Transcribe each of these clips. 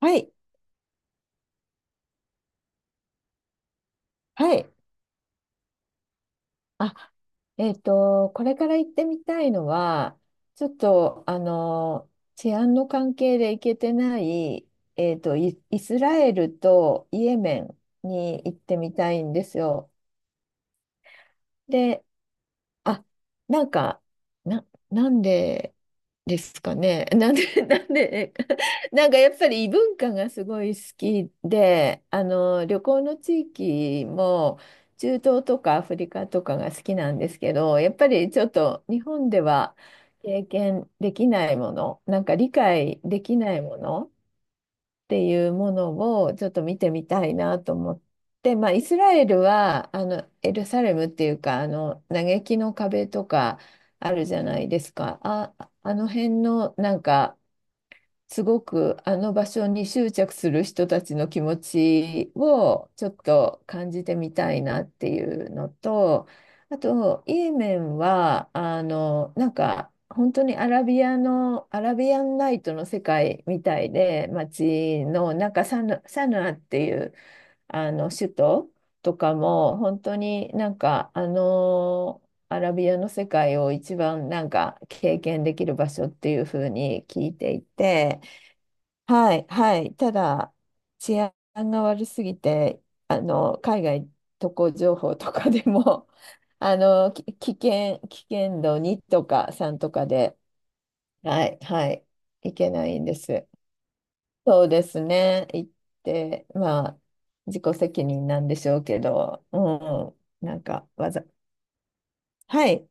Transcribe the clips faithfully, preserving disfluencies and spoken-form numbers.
はい、はい。あ、えっと、これから行ってみたいのは、ちょっと、あの、治安の関係で行けてない、えっと、イ、イスラエルとイエメンに行ってみたいんですよ。で、あ、なんか、な、なんでですかね。なんで、なんで、なんかやっぱり異文化がすごい好きで、あの、旅行の地域も中東とかアフリカとかが好きなんですけど、やっぱりちょっと日本では経験できないもの、なんか理解できないものっていうものをちょっと見てみたいなと思って、まあ、イスラエルはあのエルサレムっていうかあの嘆きの壁とかあるじゃないですか。あ、あの辺のなんかすごくあの場所に執着する人たちの気持ちをちょっと感じてみたいなっていうのと、あと、イーメンは、あの、なんか、本当にアラビアの、アラビアンナイトの世界みたいで、街の、なんかサヌ、サヌアっていう、あの、首都とかも、本当になんか、あの、アラビアの世界を一番なんか経験できる場所っていうふうに聞いていて、はいはい、ただ治安が悪すぎて、あの海外渡航情報とかでも あのき危険、危険度にとかさんとかで、はいはい、いけないんです。そうですね、行って、まあ、自己責任なんでしょうけど、うん、なんかわざ、はい。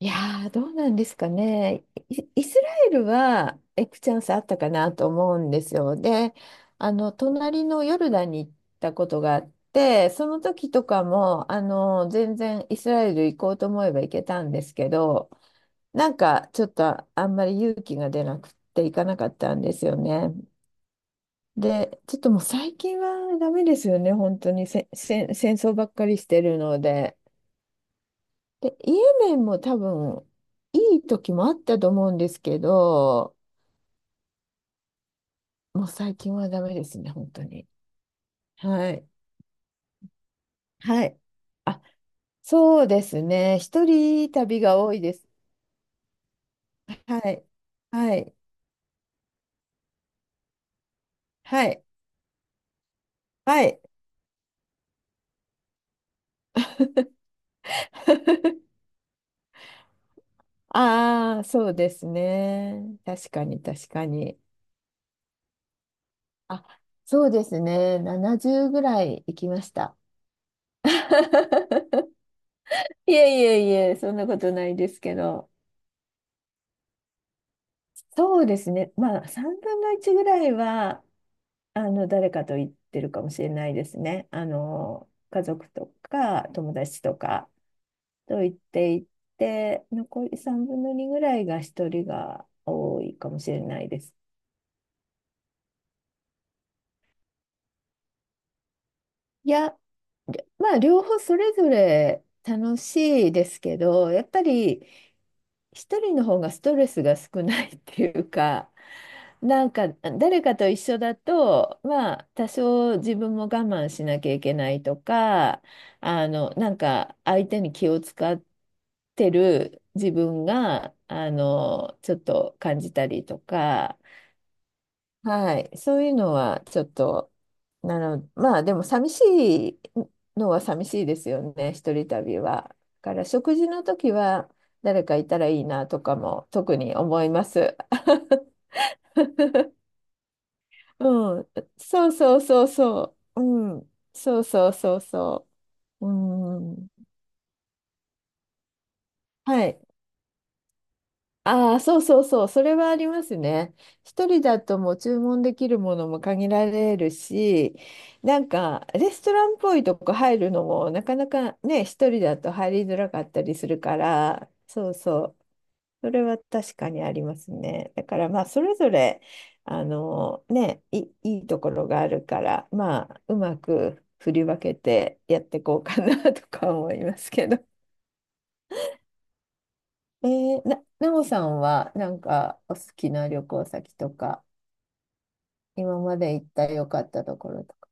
いやー、どうなんですかね。イ、イスラエルは行くチャンスあったかなと思うんですよ。で、あの、隣のヨルダンに行ったことがあって、その時とかも、あの、全然イスラエル行こうと思えば行けたんですけど、なんかちょっとあんまり勇気が出なくって行かなかったんですよね。で、ちょっともう最近はダメですよね、本当にせ、せん戦争ばっかりしてるので。で、イエメンも多分、いい時もあったと思うんですけど、もう最近はダメですね、本当に。はい。はい。あ、そうですね。一人旅が多いです。はい。はい。はい。はい。ああ、そうですね。確かに、確かに。あ、そうですね。ななじゅうぐらい行きました。いえいえいえ、そんなことないですけど。そうですね。まあ、さんぶんのいちぐらいは、あの、誰かと行ってるかもしれないですね。あの、家族とか、友達とかと行っていて、残りさんぶんのにぐらいがひとりが多いかもしれないです。いや、りょまあ、両方それぞれ楽しいですけど、やっぱり一人の方がストレスが少ないっていうか、なんか誰かと一緒だと、まあ、多少自分も我慢しなきゃいけないとか、あの、なんか相手に気を使ってる自分が、あの、ちょっと感じたりとか。はい、そういうのはちょっと、なの、まあでも寂しいのは寂しいですよね、一人旅は。だから食事の時は誰かいたらいいなとかも特に思います。うん、そうそうそうそう、うん、そうそうそうそう、うん、はい。ああ、そうそうそう、それはありますね。一人だともう注文できるものも限られるし、なんかレストランっぽいとこ入るのもなかなかね、一人だと入りづらかったりするから、そうそう、それは確かにありますね。だからまあ、それぞれ、あのね、い、いいところがあるから、まあ、うまく振り分けてやっていこうかな とか思いますけど。えー、な、なおさんは、なんか、お好きな旅行先とか、今まで行った良かったところとか。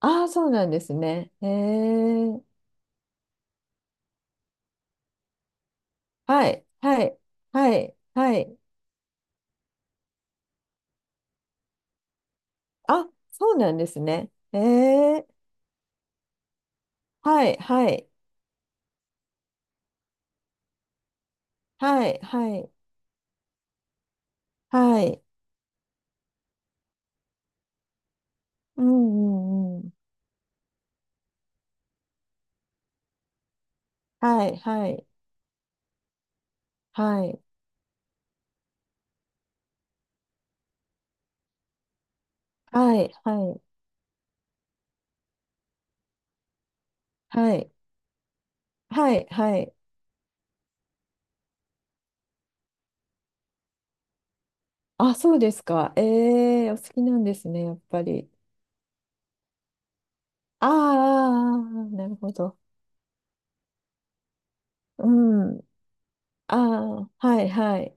ああ、そうなんですね。えー、はい、はい、はい、はい。あ、そうなんですね。えー、はい、はい、はい、はい、はい。うん、うん、うん。はい、はい、はい、はい、はい、はい、はい、はい。あ、そうですか。えー、お好きなんですね、やっぱり。あーあー、あーなるほど。うん。ああ、はいはい。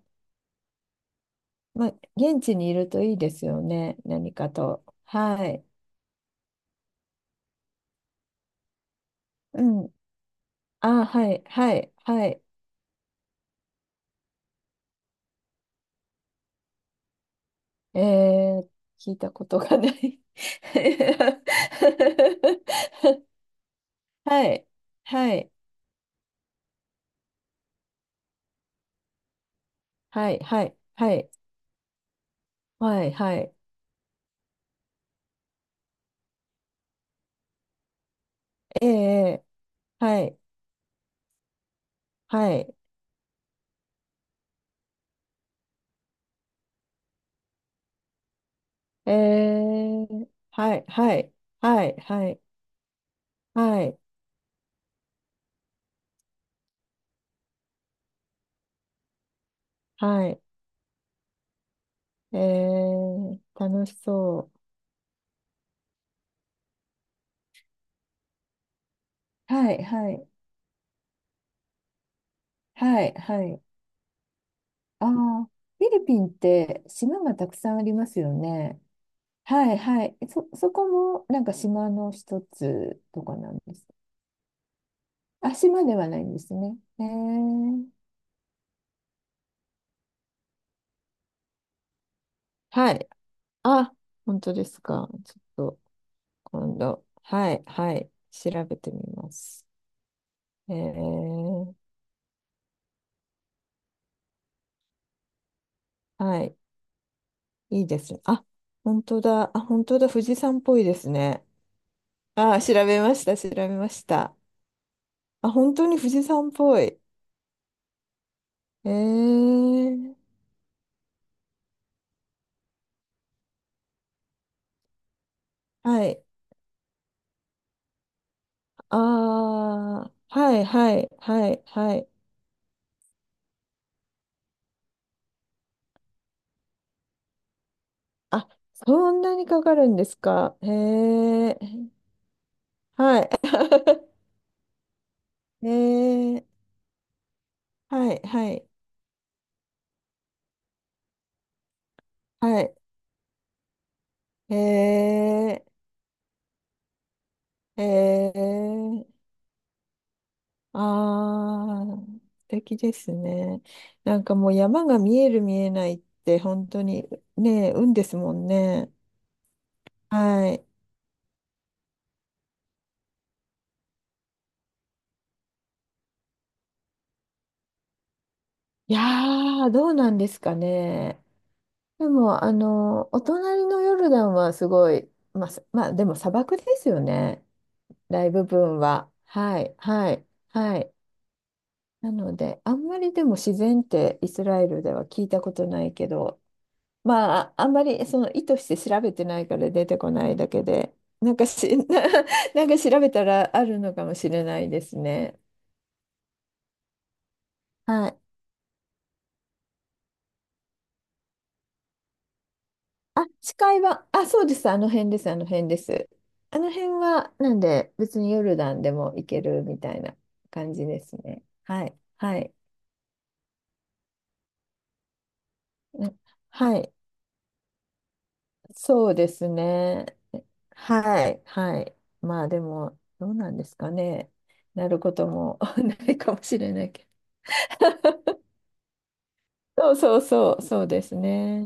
まあ、現地にいるといいですよね。何かと。はい。うん。ああ、はいはいはい。えー、聞いたことがない。はい。はい。はい。はい。はい。はい。はい。ええはい。はい。ええはい。はい。はい。はい。はい。はい。ええ楽しそう。はい。はい。はい、はい。ああ、フィリピンって島がたくさんありますよね。はい、はい。そ、そこもなんか島の一つとかなんですか。あ、島ではないんですね。へえ。はい。あ、本当ですか。ちょっと今度、はい、はい、調べてみます。えー、はい、いいですね。あ、本当だ。あ、本当だ。富士山っぽいですね。あ、調べました、調べました。あ、本当に富士山っぽい。えー、はい。ああ、はいはいはいはい。あ、そんなにかかるんですか。へえ、はい。えー、はいはいはい。えー、えー、あー素敵ですね。なんかもう山が見える見えないって本当にね、運ですもんね。はい。いやー、どうなんですかね。でも、あの、お隣のヨルダンはすごい、まあ、さまあ、でも砂漠ですよね。大部分は。はい、はい、はい。なので、あんまりでも自然ってイスラエルでは聞いたことないけど、まあ、ああんまりその意図して調べてないから出てこないだけで、なんかし、なんか調べたらあるのかもしれないですね。はい。あ、近いは、あ、そうです。あの辺です。あの辺です。あの辺は、なんで、別にヨルダンでも行けるみたいな感じですね。はい。はい。うんはい。そうですね。はい。はい。まあ、でも、どうなんですかね。なることも ないかもしれないけど。そうそうそう。そうですね。